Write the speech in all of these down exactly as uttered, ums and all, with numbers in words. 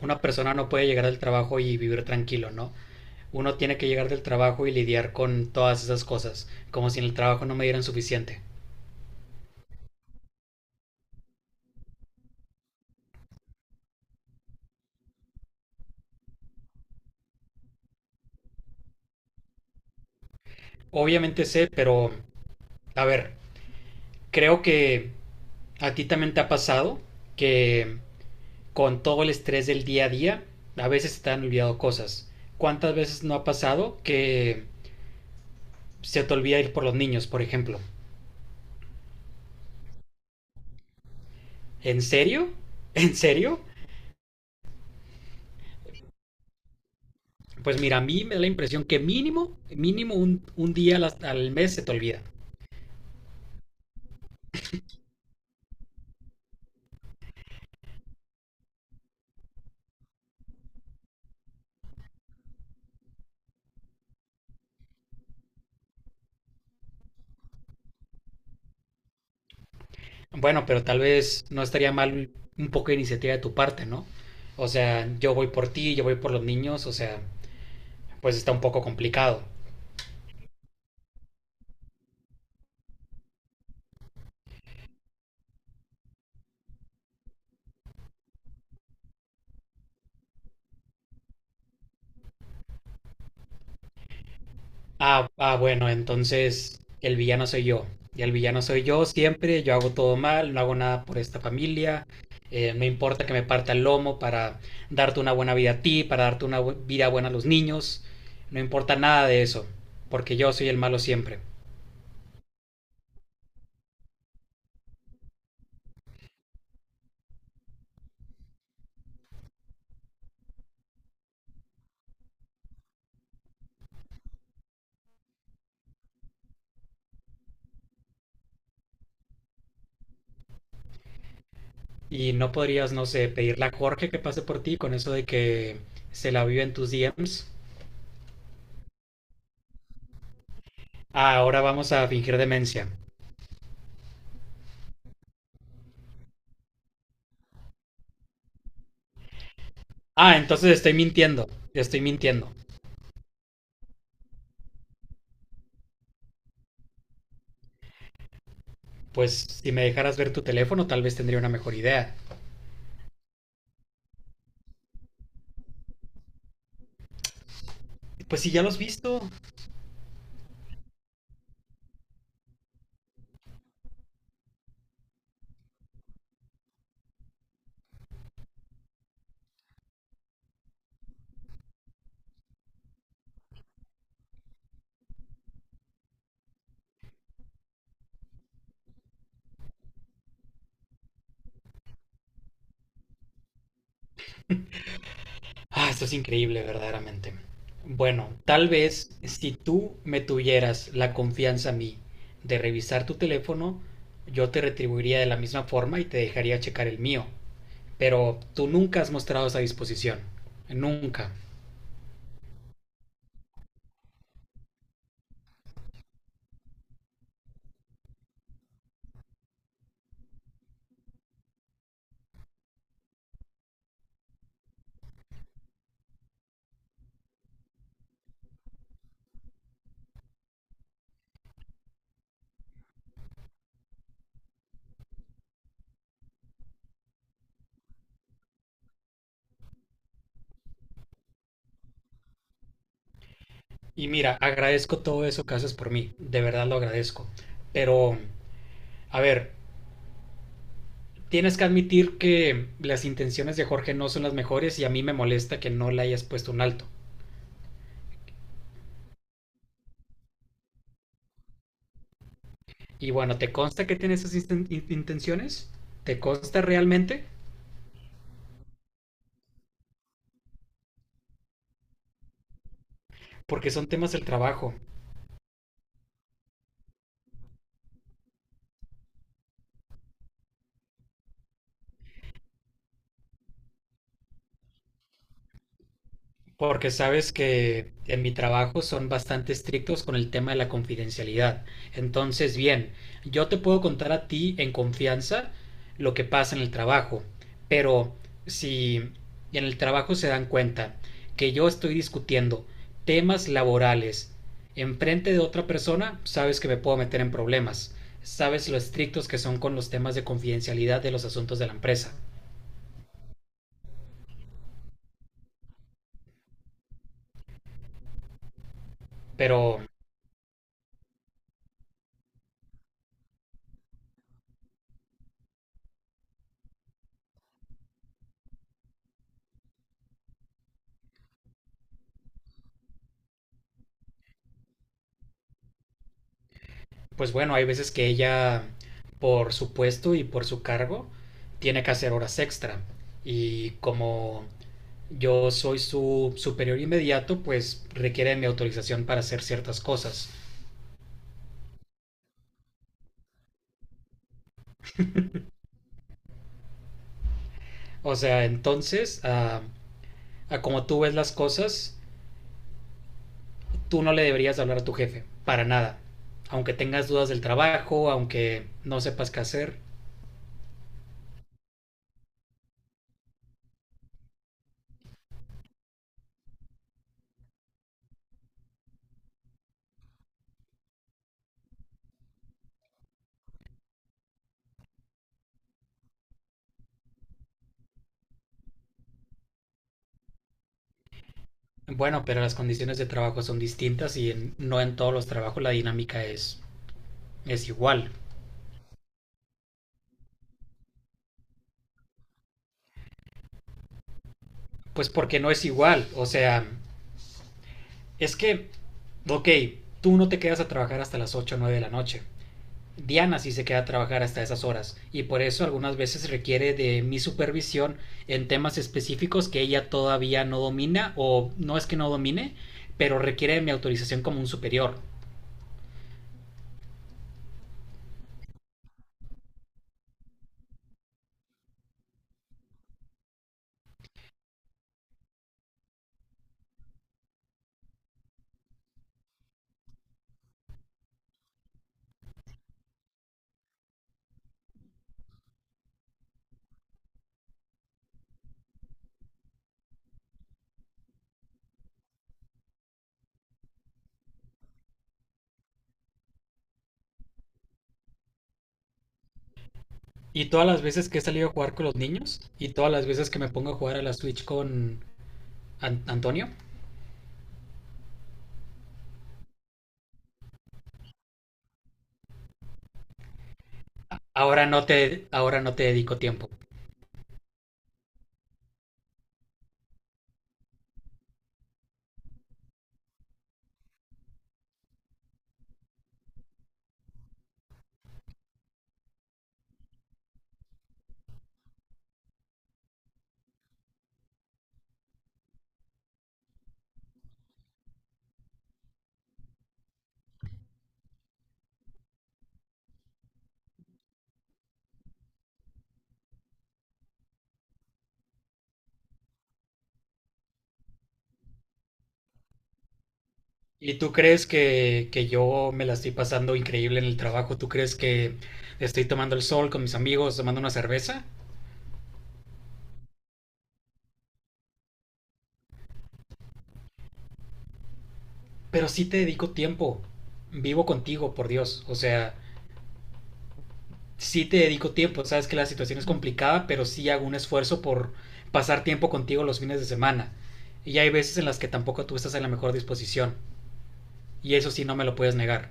Una persona no puede llegar del trabajo y vivir tranquilo, ¿no? Uno tiene que llegar del trabajo y lidiar con todas esas cosas, como si en el trabajo no me dieran suficiente. Obviamente sé, pero a ver, creo que a ti también te ha pasado que con todo el estrés del día a día, a veces se te han olvidado cosas. ¿Cuántas veces no ha pasado que se te olvida ir por los niños, por ejemplo? ¿En serio? ¿En serio? Pues mira, a mí me da la impresión que mínimo, mínimo un, un día al, al mes se te olvida. Bueno, pero tal vez no estaría mal un poco de iniciativa de tu parte, ¿no? O sea, yo voy por ti, yo voy por los niños, o sea, pues está un poco complicado. Ah, ah, bueno, entonces el villano soy yo. Y el villano soy yo siempre, yo hago todo mal, no hago nada por esta familia, eh, me importa que me parta el lomo para darte una buena vida a ti, para darte una bu- vida buena a los niños, no importa nada de eso, porque yo soy el malo siempre. Y no podrías, no sé, pedirle a Jorge que pase por ti con eso de que se la vive en tus D Ms. Ah, ahora vamos a fingir demencia. Ah, entonces estoy mintiendo, estoy mintiendo. Pues si me dejaras ver tu teléfono, tal vez tendría una mejor idea. Pues si ya lo has visto. Ah, esto es increíble, verdaderamente. Bueno, tal vez si tú me tuvieras la confianza a mí de revisar tu teléfono, yo te retribuiría de la misma forma y te dejaría checar el mío. Pero tú nunca has mostrado esa disposición. Nunca. Y mira, agradezco todo eso que haces por mí. De verdad lo agradezco. Pero, a ver, tienes que admitir que las intenciones de Jorge no son las mejores y a mí me molesta que no le hayas puesto un alto. Y bueno, ¿te consta que tiene esas inten- in- intenciones? ¿Te consta realmente? Porque son temas del trabajo. Porque sabes que en mi trabajo son bastante estrictos con el tema de la confidencialidad. Entonces, bien, yo te puedo contar a ti en confianza lo que pasa en el trabajo, pero si en el trabajo se dan cuenta que yo estoy discutiendo temas laborales enfrente de otra persona, sabes que me puedo meter en problemas. Sabes lo estrictos que son con los temas de confidencialidad de los asuntos de la empresa. Pero pues bueno, hay veces que ella, por su puesto y por su cargo, tiene que hacer horas extra. Y como yo soy su superior inmediato, pues requiere mi autorización para hacer ciertas cosas. O sea, entonces, a, a como tú ves las cosas, tú no le deberías hablar a tu jefe, para nada. Aunque tengas dudas del trabajo, aunque no sepas qué hacer. Bueno, pero las condiciones de trabajo son distintas y en- no en todos los trabajos la dinámica es, es igual. Pues porque no es igual. O sea, es que, ok, tú no te quedas a trabajar hasta las ocho o nueve de la noche. Diana sí se queda a trabajar hasta esas horas y por eso algunas veces requiere de mi supervisión en temas específicos que ella todavía no domina o no es que no domine, pero requiere de mi autorización como un superior. Y todas las veces que he salido a jugar con los niños y todas las veces que me pongo a jugar a la Switch con An- Antonio, ahora no te ahora no te dedico tiempo. ¿Y tú crees que, que yo me la estoy pasando increíble en el trabajo? ¿Tú crees que estoy tomando el sol con mis amigos, tomando una cerveza? Pero sí te dedico tiempo. Vivo contigo, por Dios. O sea, sí te dedico tiempo. Sabes que la situación es complicada, pero sí hago un esfuerzo por pasar tiempo contigo los fines de semana. Y hay veces en las que tampoco tú estás en la mejor disposición. Y eso sí no me lo puedes negar.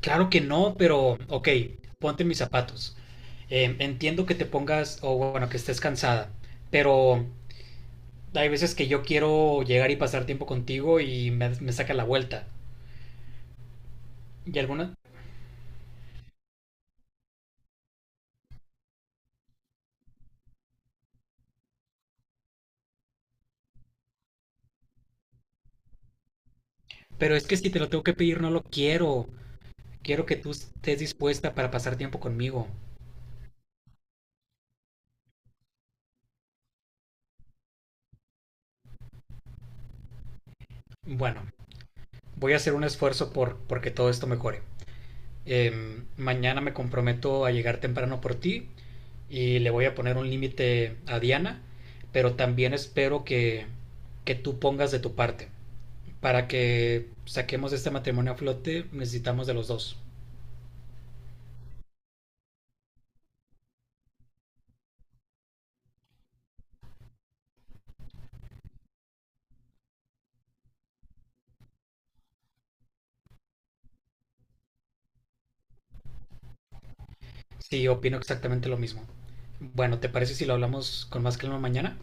Claro que no, pero ok, ponte mis zapatos. Eh, entiendo que te pongas, o bueno, que estés cansada, pero hay veces que yo quiero llegar y pasar tiempo contigo y me, me saca la vuelta. ¿Y alguna? Pero es que si te lo tengo que pedir, no lo quiero. Quiero que tú estés dispuesta para pasar tiempo conmigo. Bueno, voy a hacer un esfuerzo por porque todo esto mejore. Em, mañana me comprometo a llegar temprano por ti y le voy a poner un límite a Diana, pero también espero que, que tú pongas de tu parte. Para que saquemos este matrimonio a flote, necesitamos de los dos. Sí, opino exactamente lo mismo. Bueno, ¿te parece si lo hablamos con más calma mañana?